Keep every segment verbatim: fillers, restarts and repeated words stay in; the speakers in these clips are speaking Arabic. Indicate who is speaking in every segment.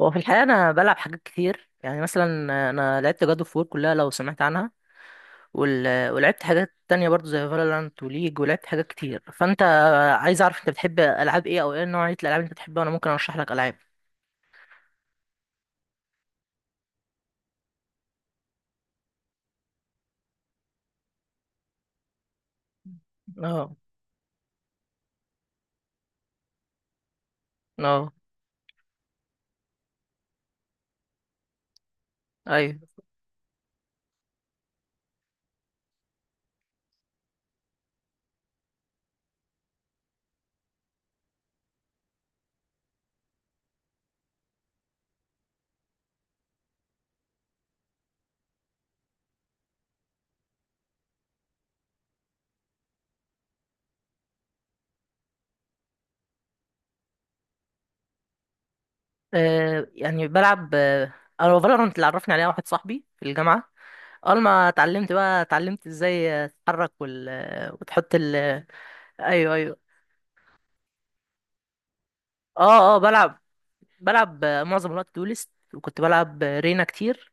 Speaker 1: هو في الحقيقة أنا بلعب حاجات كتير، يعني مثلا أنا لعبت جاد اوف وور كلها لو سمعت عنها. وال... ولعبت حاجات تانية برضو زي فالورانت وليج، ولعبت حاجات كتير. فأنت عايز أعرف أنت بتحب ألعاب إيه أو إيه نوعية الألعاب اللي أنت بتحبها وأنا ممكن أرشح لك ألعاب. اه اه أيوه. آه يعني بلعب آه، أنا فالورانت اللي عرفني عليها واحد صاحبي في الجامعة. أول ما اتعلمت بقى اتعلمت إزاي تتحرك وال... وتحط ال... أيوه أيوه. اه اه بلعب بلعب آه، معظم الوقت دولست، وكنت بلعب آه، رينا كتير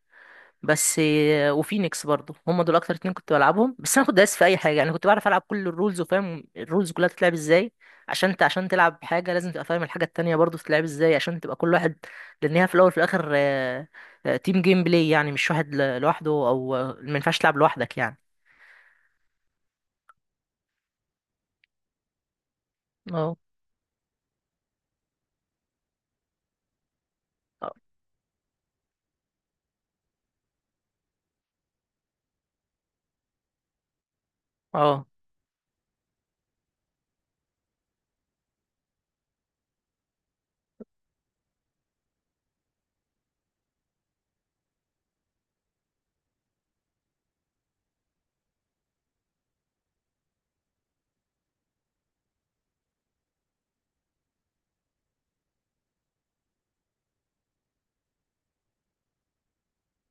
Speaker 1: بس، آه، وفينيكس برضو. هم دول اكتر اتنين كنت بلعبهم، بس انا كنت دايس في اي حاجه. يعني كنت بعرف العب كل الرولز وفاهم الرولز كلها بتتلعب ازاي، عشان انت عشان تلعب حاجه لازم تبقى فاهم الحاجه التانية برضو بتتلعب ازاي عشان تبقى كل واحد. لان هي في الاول وفي الاخر آه، آه، تيم جيم بلاي. يعني مش واحد ل- لوحده، او آه، ما ينفعش تلعب لوحدك يعني. اه اه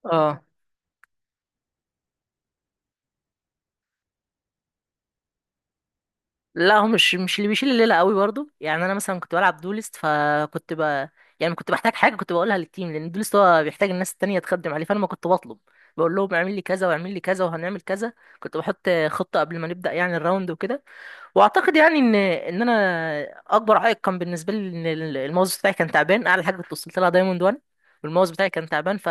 Speaker 1: اه. لا، هو مش مش اللي بيشيل الليله قوي برضو. يعني انا مثلا كنت بلعب دولست، فكنت ب يعني كنت بحتاج حاجه كنت بقولها للتيم، لان دولست هو بيحتاج الناس التانية تخدم عليه. فانا ما كنت بطلب، بقول لهم اعمل لي كذا واعمل لي كذا وهنعمل كذا، كنت بحط خطه قبل ما نبدا يعني الراوند وكده. واعتقد يعني ان ان انا اكبر عائق كان بالنسبه لي ان ال- الماوس بتاعي كان تعبان. اعلى حاجه كنت وصلت لها دايموند واحد، والماوس بتاعي كان تعبان. ف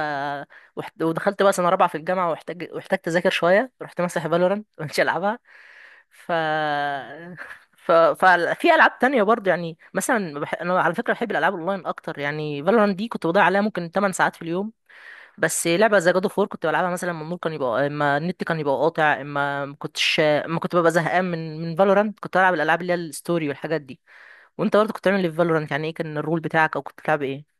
Speaker 1: وحت- ودخلت بقى سنه رابعه في الجامعه، واحتاج واحتجت اذاكر شويه، رحت ماسح فالورانت ومش العبها. ف ف ففي العاب تانية برضه، يعني مثلا بح... انا على فكره بحب الالعاب اونلاين اكتر. يعني فالورانت دي كنت بضيع عليها ممكن ثمانية ساعات في اليوم، بس لعبه زي جاد اوف وور كنت بلعبها مثلا لما النور كان يبقى، اما النت كان يبقى قاطع، اما ما كنتش ما كنت ببقى زهقان من من فالورانت، كنت بلعب الالعاب اللي هي الستوري والحاجات دي. وانت برضه كنت بتعمل ايه في فالورانت؟ يعني ايه كان الرول بتاعك، او كنت بتلعب ايه؟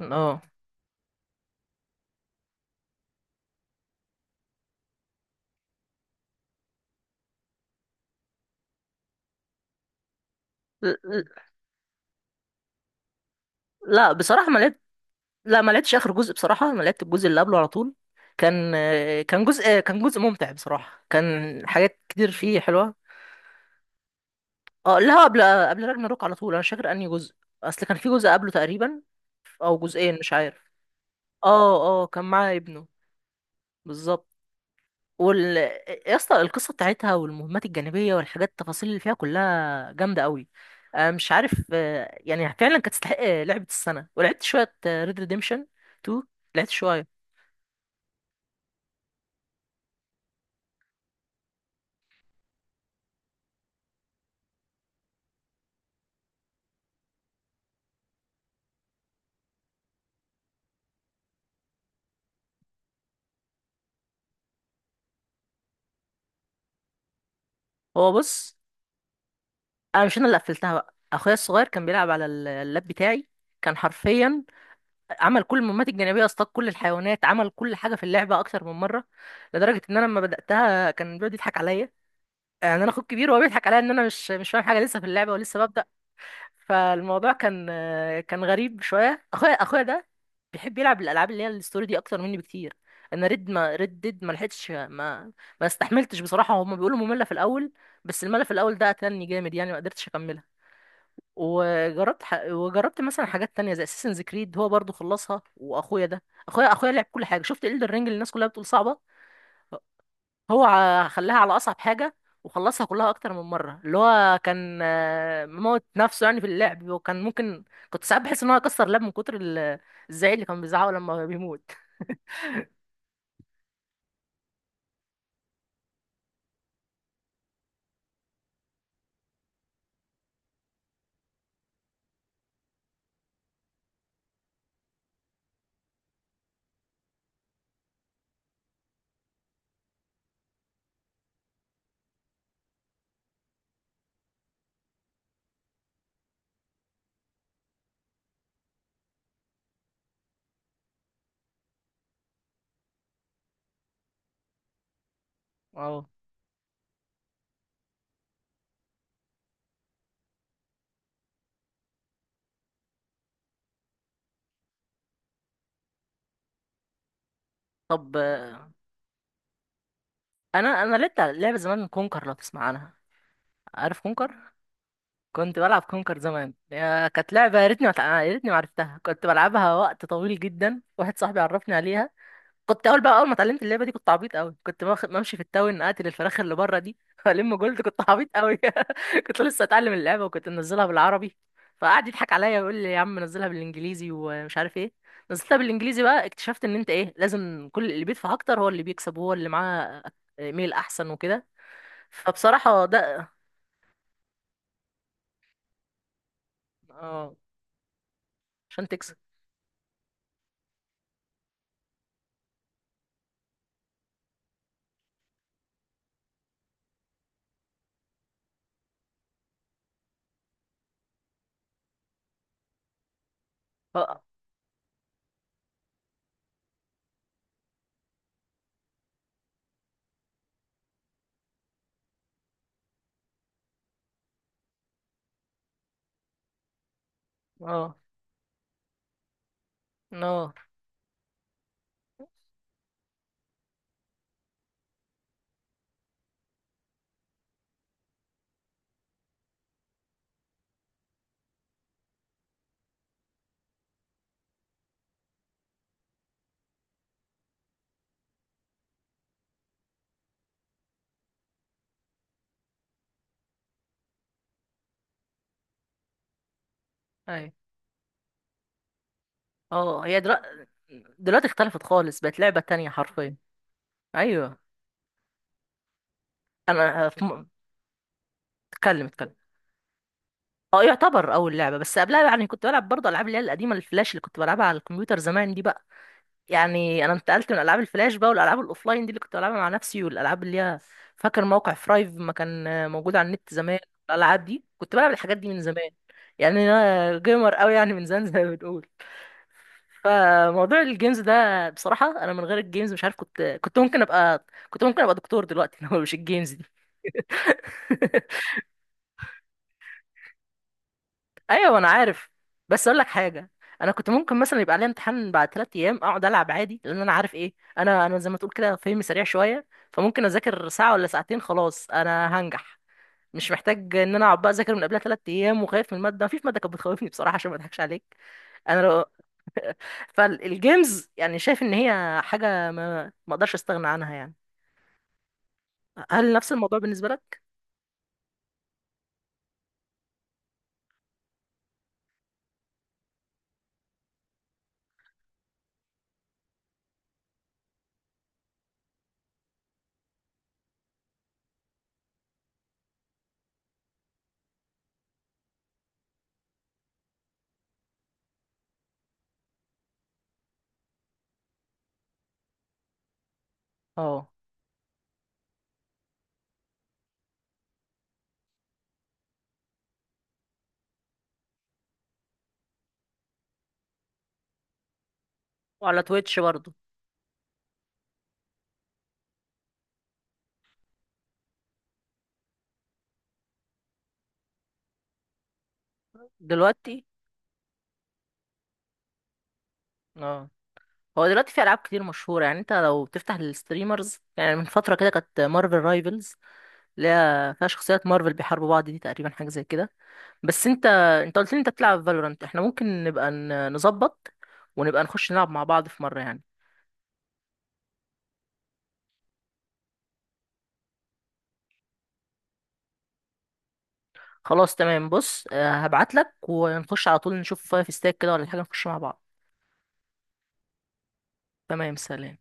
Speaker 1: اه. ل- ل- لا بصراحه ما لعبتش. لا ما لعبتش اخر جزء بصراحه. انا لعبت الجزء اللي قبله على طول. كان كان جزء كان جزء ممتع بصراحه، كان حاجات كتير فيه حلوه. اه، لا، قبل، قبل راجناروك على طول. انا مش فاكر انهي جزء، اصل كان في جزء قبله تقريبا او جزئين مش عارف. اه اه، كان معاه ابنه بالظبط. وال يا اسطى، القصه بتاعتها والمهمات الجانبيه والحاجات التفاصيل اللي فيها كلها جامده قوي. آه، مش عارف، آه، يعني فعلا كانت تستحق آه، لعبه السنه. ولعبت شويه ريد ريديمشن اتنين، لعبت شويه. هو بص، انا مش انا اللي قفلتها، بقى اخويا الصغير كان بيلعب على ال- اللاب بتاعي. كان حرفيا عمل كل المهمات الجانبيه، اصطاد كل الحيوانات، عمل كل حاجه في اللعبه اكتر من مره. لدرجه ان انا لما بداتها كان بيقعد يضحك عليا. يعني انا اخوك كبير وهو بيضحك عليا ان انا مش مش فاهم حاجه لسه في اللعبه ولسه ببدا. فالموضوع كان، كان غريب شويه. اخويا اخويا ده بيحب يلعب الالعاب اللي هي الستوري دي اكتر مني بكتير. انا ريد ما ريد ديد ما لحقتش، ما ما استحملتش بصراحه. هما بيقولوا ممله في الاول، بس الملل في الاول ده قتلني جامد، يعني ما قدرتش اكملها. وجربت ح... وجربت مثلا حاجات تانية زي اساسنز كريد، هو برضو خلصها. واخويا ده، اخويا اخويا لعب كل حاجه. شفت الدر رينج اللي الناس كلها بتقول صعبه، هو ع- خلاها على اصعب حاجه وخلصها كلها اكتر من مره. اللي هو كان آه، مموت نفسه يعني في اللعب، وكان ممكن، كنت ساعات بحس ان هو هيكسر لاب من كتر ال- الزعيق اللي كان بيزعقه لما بيموت. اه. طب آه، انا انا لعبت لعبه زمان كونكر، لو تسمع عنها. عارف كونكر؟ كنت بلعب كونكر زمان. يا- كانت لعبة، يا ريتني ما تع- يا ريتني ما عرفتها. كنت بلعبها وقت طويل جدا، واحد صاحبي عرفني عليها. كنت اول بقى اول ما اتعلمت اللعبة دي كنت عبيط قوي. كنت باخ- بمشي في التاون اقتل الفراخ اللي بره دي والم جولد. كنت عبيط قوي كنت لسه اتعلم اللعبة وكنت منزلها بالعربي. فقعد يضحك عليا ويقول لي يا عم نزلها بالانجليزي ومش عارف ايه. نزلتها بالانجليزي بقى، اكتشفت ان انت ايه، لازم كل اللي بيدفع اكتر هو اللي بيكسب وهو اللي معاه ايميل احسن وكده. فبصراحة ده، اه، عشان تكسب. اه اه اه ايوه. اه، هي دلوقتي، دلوقتي اختلفت خالص، بقت لعبة تانية حرفيا. ايوه. انا آه، في م... اتكلم اتكلم. اه يعتبر اول لعبة، بس قبلها يعني كنت بلعب برضه العاب اللي هي القديمة الفلاش اللي كنت بلعبها على الكمبيوتر زمان دي بقى. يعني انا انتقلت من العاب الفلاش بقى، والالعاب الاوفلاين دي اللي كنت بلعبها مع نفسي، والالعاب اللي هي، فاكر موقع فرايف ما كان آه، موجود على النت زمان؟ الالعاب دي كنت بلعب الحاجات دي من زمان. يعني انا جيمر قوي يعني من زمان زي ما بنقول. فموضوع الجيمز ده بصراحة، أنا من غير الجيمز مش عارف، كنت كنت ممكن أبقى، كنت ممكن أبقى دكتور دلوقتي لو مش الجيمز دي. أيوة أنا عارف، بس أقول لك حاجة. أنا كنت ممكن مثلا يبقى عليا امتحان بعد ثلاث أيام أقعد ألعب عادي، لأن أنا عارف إيه أنا أنا زي ما تقول كده فهمي سريع شوية. فممكن أذاكر ساعة ولا ساعتين خلاص أنا هنجح، مش محتاج إن أنا أقعد بقى أذاكر من قبلها ثلاث أيام وخايف من المادة. مفيش مادة كانت بتخوفني بصراحة، عشان ما أضحكش عليك. أنا لو فالجيمز يعني شايف إن هي حاجة ما ما أقدرش أستغنى عنها يعني. هل نفس الموضوع بالنسبة لك؟ اه، وعلى تويتش برضه. دلوقتي، اه، هو دلوقتي في ألعاب كتير مشهورة. يعني انت لو بتفتح الستريمرز، يعني من فترة كده كانت مارفل رايفلز، اللي هي فيها شخصيات مارفل بيحاربوا بعض، دي تقريبا حاجة زي كده. بس انت انت قلت لي انت بتلعب فالورانت، احنا ممكن نبقى ن- نظبط ونبقى نخش نلعب مع بعض في مرة يعني. خلاص تمام، بص هبعت لك ونخش على طول، نشوف فايف ستاك كده ولا حاجة نخش مع بعض. تمام، سلام.